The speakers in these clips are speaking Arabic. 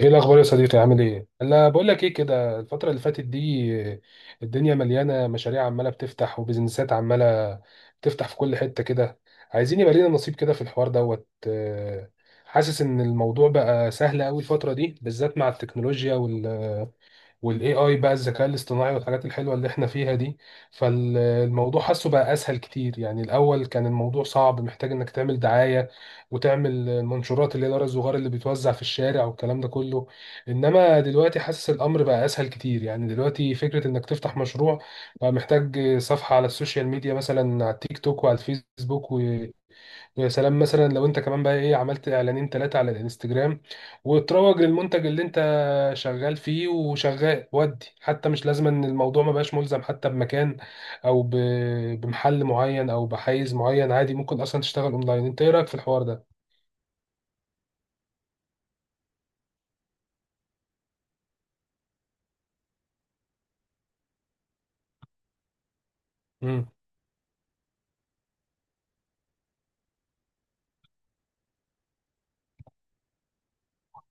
ايه الاخبار يا صديقي؟ عامل ايه؟ انا بقول لك ايه كده الفتره اللي فاتت دي الدنيا مليانه مشاريع عماله بتفتح وبزنسات عماله بتفتح في كل حته كده. عايزين يبقى لنا نصيب كده في الحوار دوت. حاسس ان الموضوع بقى سهل قوي الفتره دي بالذات مع التكنولوجيا والاي اي بقى الذكاء الاصطناعي والحاجات الحلوه اللي احنا فيها دي. فالموضوع حاسه بقى اسهل كتير، يعني الاول كان الموضوع صعب محتاج انك تعمل دعايه وتعمل المنشورات اللي هي الورق الصغير اللي بيتوزع في الشارع والكلام ده كله. انما دلوقتي حاسس الامر بقى اسهل كتير، يعني دلوقتي فكره انك تفتح مشروع بقى محتاج صفحه على السوشيال ميديا مثلا على التيك توك وعلى الفيسبوك. يا سلام مثلا لو انت كمان بقى ايه عملت اعلانين ثلاثة على الانستجرام وتروج للمنتج اللي انت شغال فيه وشغال، ودي حتى مش لازم، ان الموضوع ما بقاش ملزم حتى بمكان او بمحل معين او بحيز معين، عادي ممكن اصلا تشتغل اونلاين. انت ايه رأيك في الحوار ده؟ مم.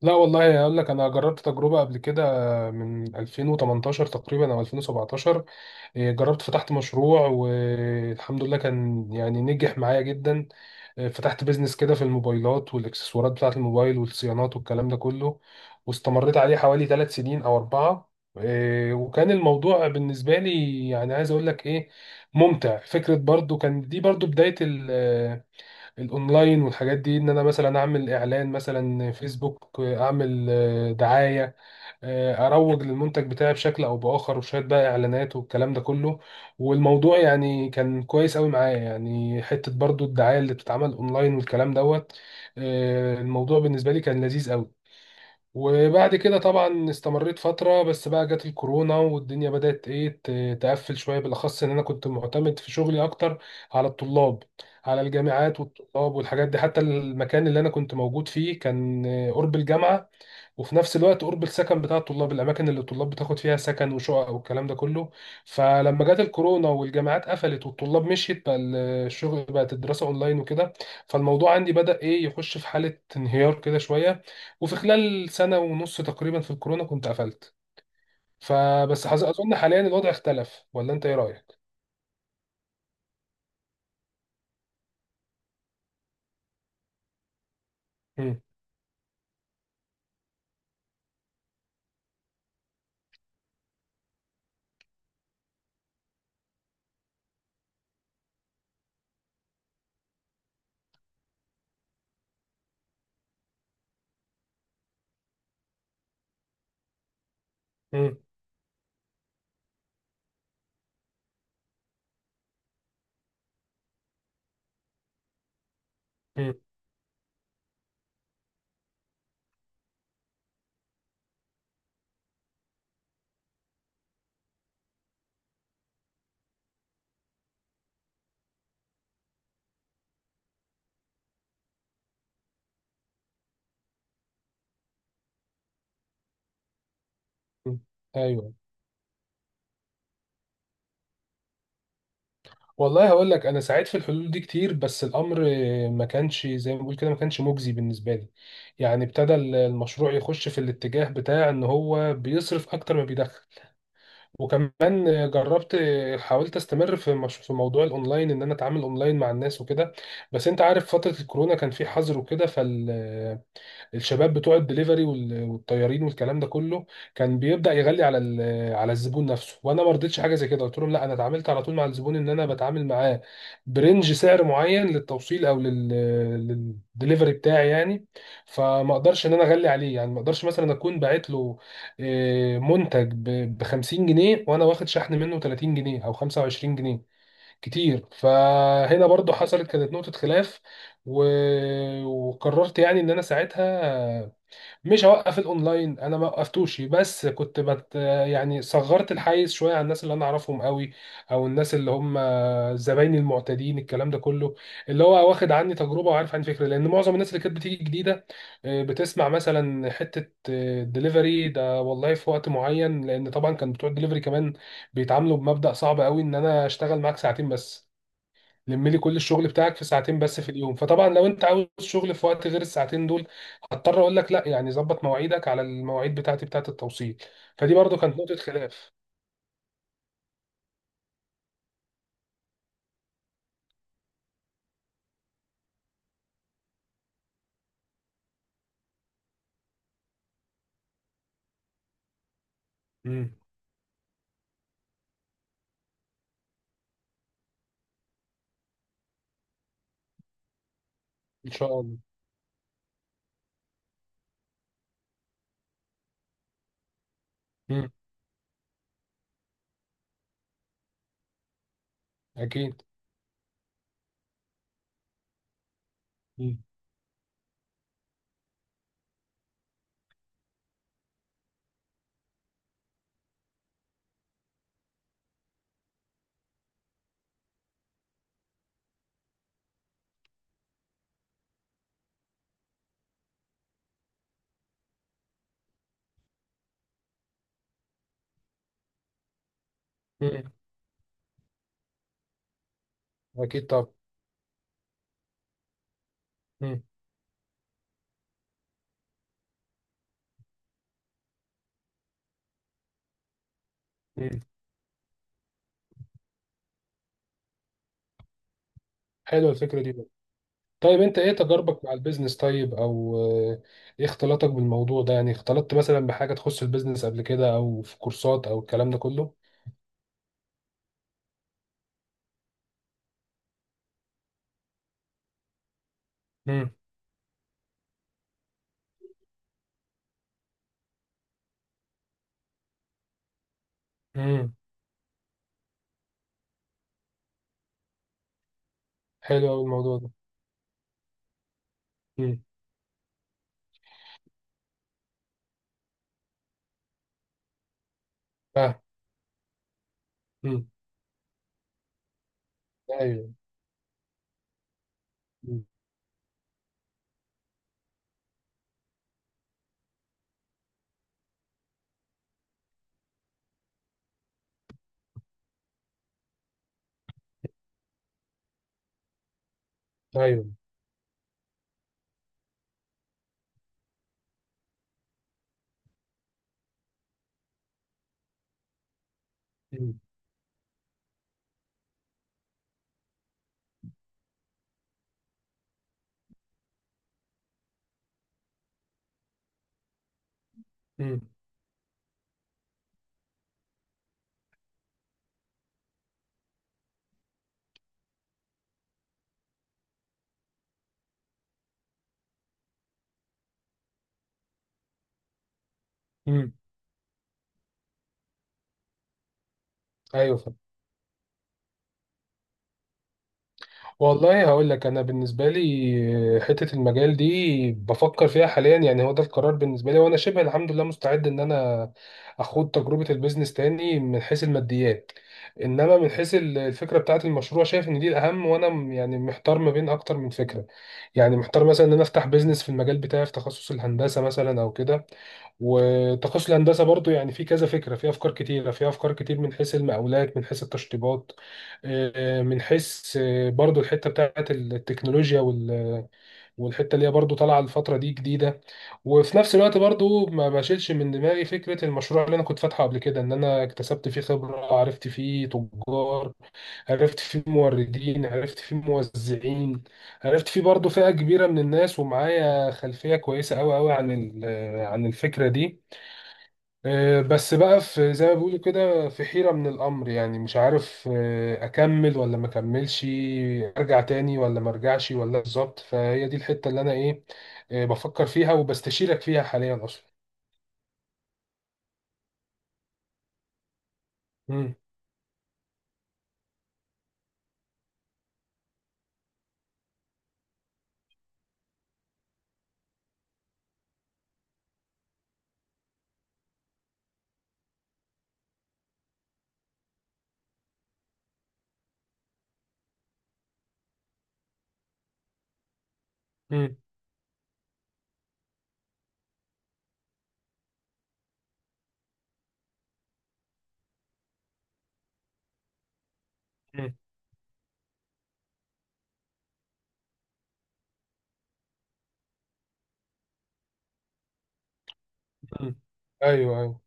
لا والله اقول لك انا جربت تجربة قبل كده من 2018 تقريبا او 2017. جربت فتحت مشروع والحمد لله كان يعني نجح معايا جدا. فتحت بيزنس كده في الموبايلات والاكسسوارات بتاعة الموبايل والصيانات والكلام ده كله. واستمريت عليه حوالي 3 سنين او اربعة. وكان الموضوع بالنسبة لي يعني عايز اقول لك ايه ممتع. فكرة برضو كان دي برضو بداية الاونلاين والحاجات دي، ان انا مثلا اعمل اعلان مثلا فيسبوك اعمل دعاية، اروج للمنتج بتاعي بشكل او باخر وشويه بقى اعلانات والكلام ده كله. والموضوع يعني كان كويس قوي معايا، يعني حته برضو الدعايه اللي بتتعمل اونلاين والكلام دوت. الموضوع بالنسبه لي كان لذيذ قوي. وبعد كده طبعا استمريت فتره. بس بقى جت الكورونا والدنيا بدات ايه تقفل شويه، بالاخص ان انا كنت معتمد في شغلي اكتر على الطلاب، على الجامعات والطلاب والحاجات دي. حتى المكان اللي انا كنت موجود فيه كان قرب الجامعه، وفي نفس الوقت قرب السكن بتاع الطلاب، الاماكن اللي الطلاب بتاخد فيها سكن وشقق والكلام ده كله. فلما جت الكورونا والجامعات قفلت والطلاب مشيت بقى الشغل، بقت الدراسه اونلاين وكده. فالموضوع عندي بدا ايه يخش في حاله انهيار كده شويه. وفي خلال سنه ونص تقريبا في الكورونا كنت قفلت. فبس اظن حاليا الوضع اختلف، ولا انت ايه رايك؟ مم. مم. مم. مم. ايوه. والله هقول لك انا سعيت في الحلول دي كتير بس الامر ما كانش زي ما بقول كده، ما كانش مجزي بالنسبه لي. يعني ابتدى المشروع يخش في الاتجاه بتاع ان هو بيصرف اكتر ما بيدخل. وكمان جربت، حاولت استمر في مش... في موضوع الاونلاين ان انا اتعامل اونلاين مع الناس وكده. بس انت عارف فتره الكورونا كان في حظر وكده، الشباب بتوع الدليفري والطيارين والكلام ده كله كان بيبدا يغلي على على الزبون نفسه، وانا ما رضيتش حاجه زي كده. قلت لهم لا، انا اتعاملت على طول مع الزبون ان انا بتعامل معاه برنج سعر معين للتوصيل او للدليفري بتاعي يعني. فما اقدرش ان انا اغلي عليه، يعني ما اقدرش مثلا اكون باعت له منتج ب 50 جنيه وانا واخد شحن منه 30 جنيه او 25 جنيه كتير. فهنا برضو حصلت، كانت نقطة خلاف. و... وقررت يعني ان انا ساعتها مش هوقف الاونلاين، انا ما وقفتوش. بس كنت يعني صغرت الحيز شويه عن الناس اللي انا اعرفهم قوي، او الناس اللي هم زبايني المعتادين، الكلام ده كله. اللي هو واخد عني تجربه وعارف عن فكره، لان معظم الناس اللي كانت بتيجي جديده بتسمع مثلا حته دليفري ده والله في وقت معين. لان طبعا كان بتوع الدليفري كمان بيتعاملوا بمبدأ صعب قوي، ان انا اشتغل معاك ساعتين بس، لم لي كل الشغل بتاعك في ساعتين بس في اليوم. فطبعا لو انت عاوز شغل في وقت غير الساعتين دول هضطر اقول لك لا، يعني ظبط مواعيدك على المواعيد بتاعتي بتاعت التوصيل. فدي برضو كانت نقطة خلاف. امم. ان شاء الله. امم. اكيد. امم. امم. اكيد طبعا. امم. امم. حلوة الفكرة دي برضو. طيب انت ايه تجاربك مع البيزنس؟ طيب او ايه اختلاطك بالموضوع ده؟ يعني اختلطت مثلا بحاجة تخص البيزنس قبل كده، او في كورسات او الكلام ده كله؟ امم. امم. حلو قوي الموضوع ده. امم. فاهم. امم. ايوه. مم. ايوه. مم. مم. مم. ايوه فاهم. والله هقول لك انا بالنسبه لي حته المجال دي بفكر فيها حاليا، يعني هو ده القرار بالنسبه لي. وانا شبه الحمد لله مستعد ان انا اخوض تجربه البيزنس تاني من حيث الماديات. انما من حيث الفكره بتاعت المشروع شايف ان دي الاهم. وانا يعني محتار ما بين اكتر من فكره. يعني محتار مثلا ان انا افتح بيزنس في المجال بتاعي في تخصص الهندسه مثلا او كده. وتخصص الهندسه برضو يعني في كذا فكره، في افكار كتيره، في افكار كتير من حيث المقاولات، من حيث التشطيبات، من حيث برضو الحته بتاعت التكنولوجيا والحته اللي هي برضو طالعه الفتره دي جديده. وفي نفس الوقت برضو ما بشيلش من دماغي فكره المشروع اللي انا كنت فاتحه قبل كده ان انا اكتسبت فيه خبره، عرفت فيه تجار، عرفت فيه موردين، عرفت فيه موزعين، عرفت فيه برضو فئه كبيره من الناس، ومعايا خلفيه كويسه قوي قوي عن عن الفكره دي. بس بقى في زي ما بيقولوا كده في حيرة من الأمر، يعني مش عارف أكمل ولا ما أكملش، أرجع تاني ولا ما أرجعش ولا بالظبط. فهي دي الحتة اللي أنا إيه بفكر فيها وبستشيرك فيها حاليا أصلا. مم. مم. مم. مم. أيوه أيوه.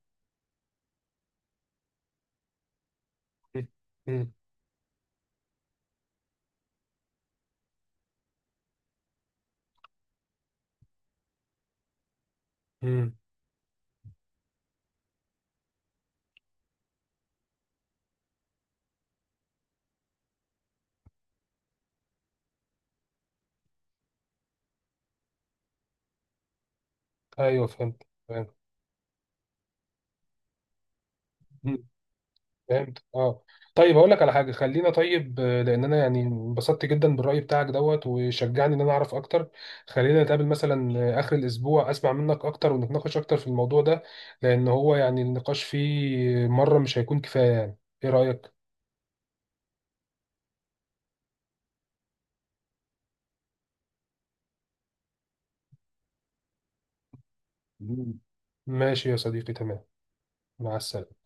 مم. مم. مم. أيوه فهمت. فهمت. فهمت اه. طيب هقول لك على حاجه، خلينا طيب لان انا يعني انبسطت جدا بالراي بتاعك دوت وشجعني ان انا اعرف اكتر. خلينا نتقابل مثلا اخر الاسبوع اسمع منك اكتر، ونتناقش اكتر في الموضوع ده، لان هو يعني النقاش فيه مره مش هيكون كفايه يعني. ايه رايك؟ مم. ماشي يا صديقي، تمام. مع السلامه.